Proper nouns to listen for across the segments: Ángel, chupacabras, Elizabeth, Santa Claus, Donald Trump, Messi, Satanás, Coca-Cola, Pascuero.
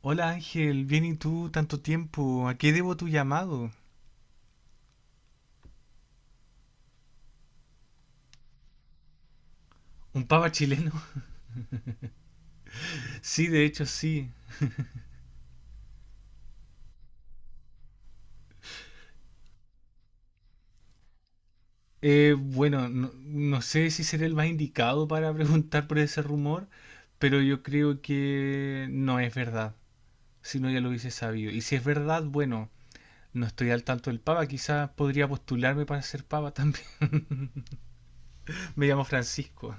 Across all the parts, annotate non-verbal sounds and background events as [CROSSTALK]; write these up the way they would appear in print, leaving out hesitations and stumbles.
Hola Ángel, bien y tú, tanto tiempo. ¿A qué debo tu llamado? ¿Un papa chileno? [LAUGHS] Sí, de hecho sí. Bueno, no sé si seré el más indicado para [LAUGHS] preguntar por ese rumor, pero yo creo que no es verdad. Si no, ya lo hubiese sabido. Y si es verdad, bueno, no estoy al tanto del papa. Quizás podría postularme para ser papa también. [LAUGHS] Me llamo Francisco.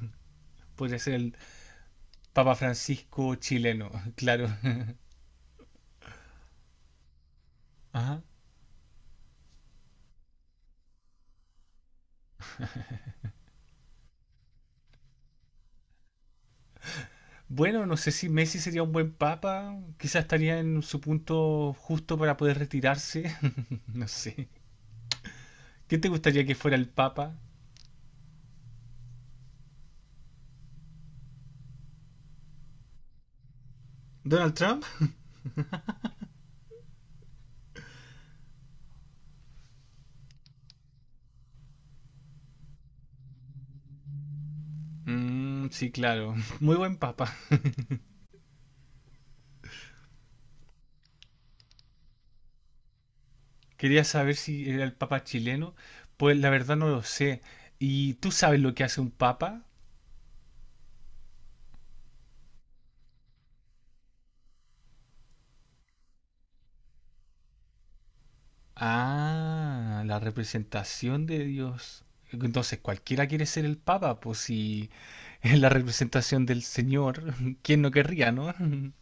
Podría ser el papa Francisco chileno, [LAUGHS] claro. Ajá. Bueno, no sé si Messi sería un buen papa, quizás estaría en su punto justo para poder retirarse, [LAUGHS] no sé. ¿Qué te gustaría que fuera el papa? ¿Donald Trump? Mm, sí, claro, [LAUGHS] muy buen papa. Quería saber si era el papa chileno, pues la verdad no lo sé. ¿Y tú sabes lo que hace un papa? Ah, la representación de Dios. Entonces, cualquiera quiere ser el papa, pues si es la representación del Señor, [LAUGHS] ¿quién no querría, no? [LAUGHS]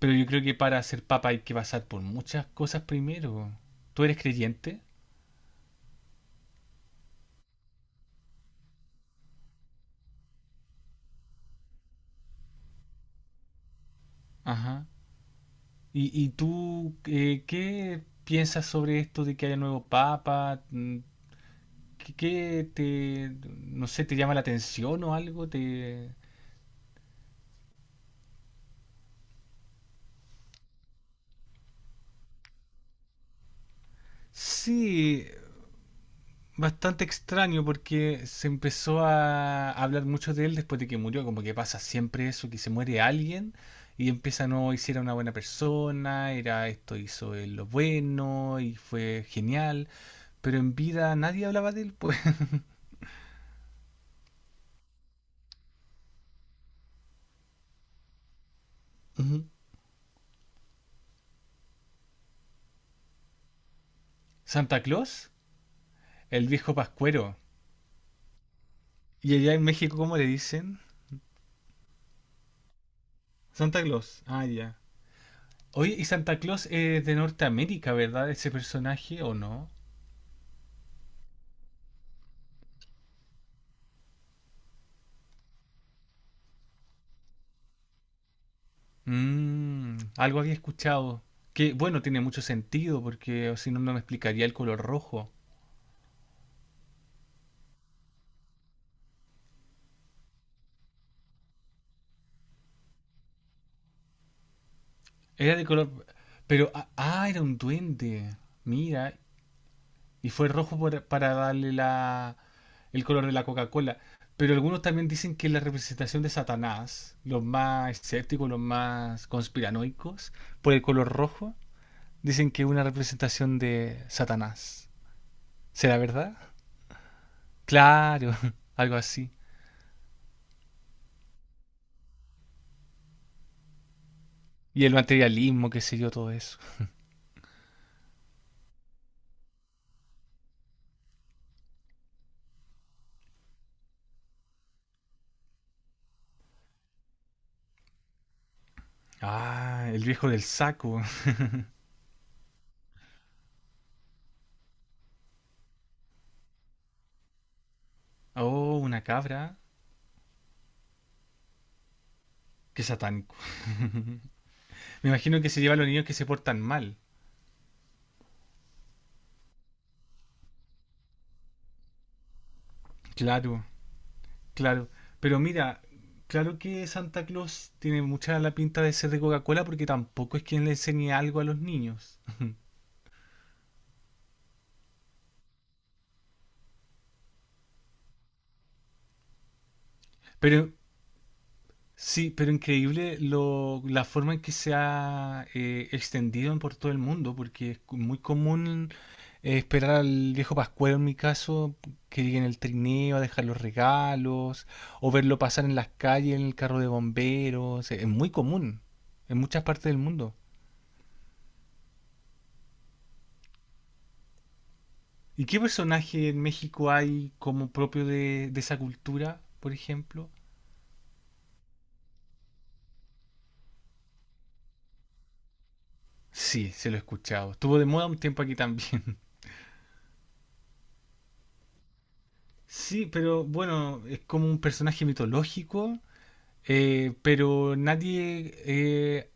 Pero yo creo que para ser papa hay que pasar por muchas cosas primero. ¿Tú eres creyente? Ajá. ¿Y tú qué piensas sobre esto de que haya nuevo papa? Mm, ¿Qué, qué te, no sé, te llama la atención o algo? ¿Te, sí, bastante extraño porque se empezó a hablar mucho de él después de que murió, como que pasa siempre eso, que se muere alguien y empieza, no, hiciera una buena persona, era esto, hizo él lo bueno y fue genial, pero en vida nadie hablaba de él, pues. [LAUGHS] Ujú. Santa Claus, el viejo pascuero. Y allá en México, ¿cómo le dicen? Santa Claus, ah, ya. Oye, y Santa Claus es de Norteamérica, ¿verdad? Ese personaje, ¿o no? Mm, algo había escuchado. Que bueno, tiene mucho sentido porque o si no, no me explicaría el color rojo. Era de color... Pero... Ah, ah, era un duende. Mira. Y fue rojo para darle la, el color de la Coca-Cola. Pero algunos también dicen que la representación de Satanás, los más escépticos, los más conspiranoicos, por el color rojo, dicen que es una representación de Satanás. ¿Será verdad? Claro, [LAUGHS] algo así. Y el materialismo, qué sé yo, todo eso. Ah, el viejo del saco. [LAUGHS] Oh, una cabra. Qué satánico. [LAUGHS] Me imagino que se lleva a los niños que se portan mal. Claro, claro. Pero mira, claro que Santa Claus tiene mucha la pinta de ser de Coca-Cola porque tampoco es quien le enseñe algo a los niños. Pero sí, pero increíble lo, la forma en que se ha extendido en por todo el mundo, porque es muy común esperar al viejo Pascuero en mi caso, que llegue en el trineo a dejar los regalos, o verlo pasar en las calles en el carro de bomberos, es muy común en muchas partes del mundo. ¿Y qué personaje en México hay como propio de esa cultura, por ejemplo? Sí, se lo he escuchado. Estuvo de moda un tiempo aquí también. Sí, pero bueno, es como un personaje mitológico, pero nadie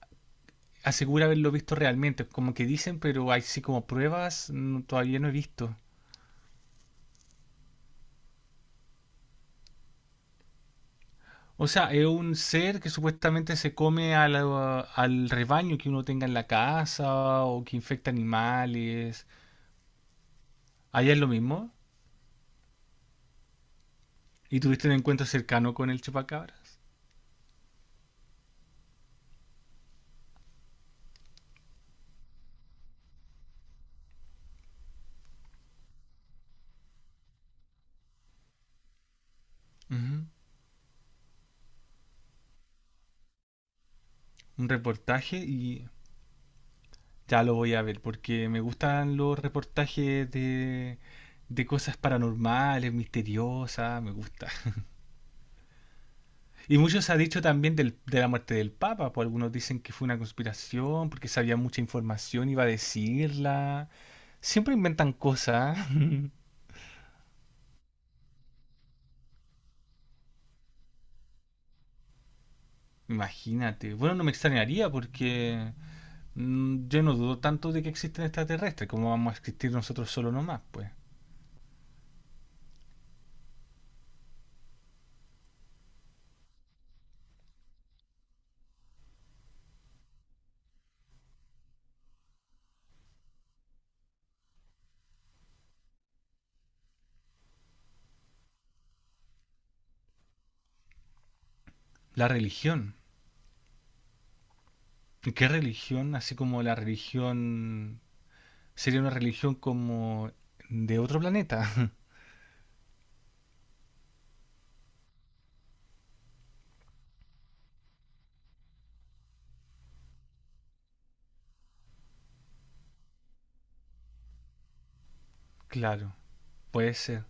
asegura haberlo visto realmente. Como que dicen, pero así como pruebas, todavía no he visto. O sea, es un ser que supuestamente se come a al rebaño que uno tenga en la casa o que infecta animales. Allá es lo mismo. ¿Y tuviste un encuentro cercano con el chupacabras? Ujú. Un reportaje y ya lo voy a ver, porque me gustan los reportajes de cosas paranormales, misteriosas, me gusta. Y mucho se ha dicho también de la muerte del Papa, pues algunos dicen que fue una conspiración, porque sabía mucha información, iba a decirla. Siempre inventan cosas, [LAUGHS] imagínate. Bueno, no me extrañaría porque mm, yo no dudo tanto de que existen extraterrestres, como vamos a existir nosotros solo nomás, pues. La religión. ¿Qué religión? Así como la religión sería una religión como de otro planeta. [LAUGHS] Claro, puede ser.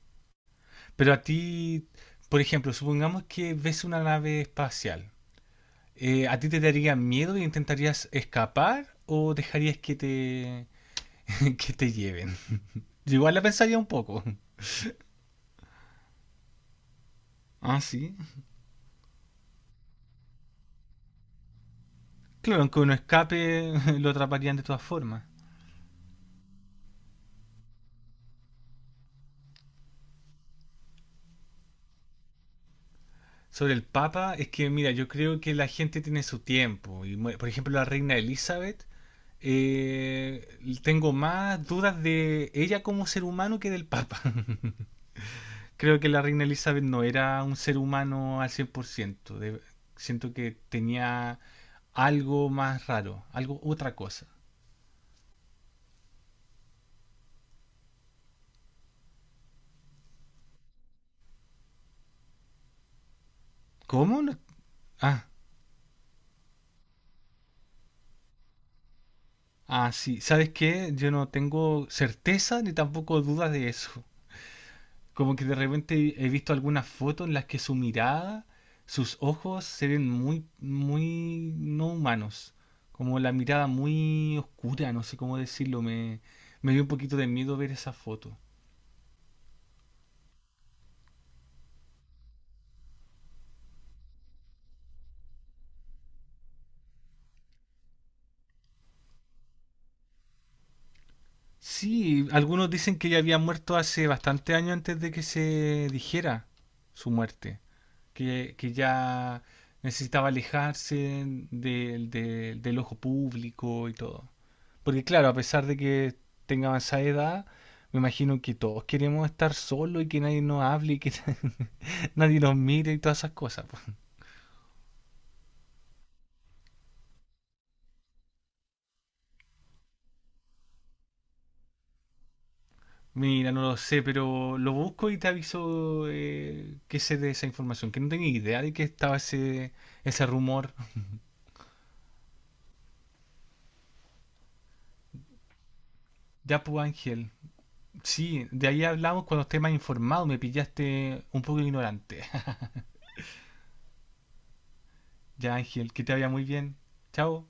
Pero a ti, por ejemplo, supongamos que ves una nave espacial. ¿A ti te daría miedo y intentarías escapar o dejarías que te, [LAUGHS] que te lleven? Yo igual la pensaría un poco. [LAUGHS] Ah, sí. Claro, aunque uno escape, [LAUGHS] lo atraparían de todas formas. Sobre el Papa, es que mira, yo creo que la gente tiene su tiempo. Y, por ejemplo, la reina Elizabeth eh, tengo más dudas de ella como ser humano que del Papa. [LAUGHS] Creo que la reina Elizabeth no era un ser humano al 100%. Siento que tenía algo más raro, algo otra cosa. ¿Cómo? No- ah, ah, sí. ¿Sabes qué? Yo no tengo certeza ni tampoco dudas de eso. Como que de repente he visto algunas fotos en las que su mirada, sus ojos se ven muy, muy no humanos. Como la mirada muy oscura, no sé cómo decirlo. Me dio un poquito de miedo ver esa foto. Sí, algunos dicen que ella había muerto hace bastante años antes de que se dijera su muerte. Que ya necesitaba alejarse del ojo público y todo. Porque claro, a pesar de que tenga esa edad, me imagino que todos queremos estar solos y que nadie nos hable y que [LAUGHS] nadie nos mire y todas esas cosas. Po. Mira, no lo sé, pero lo busco y te aviso que sé de esa información, que no tenía idea de que estaba ese, ese rumor. Ya, pues Ángel, sí, de ahí hablamos cuando esté más informado, me pillaste un poco ignorante. [LAUGHS] Ya, Ángel, que te vaya muy bien. Chao.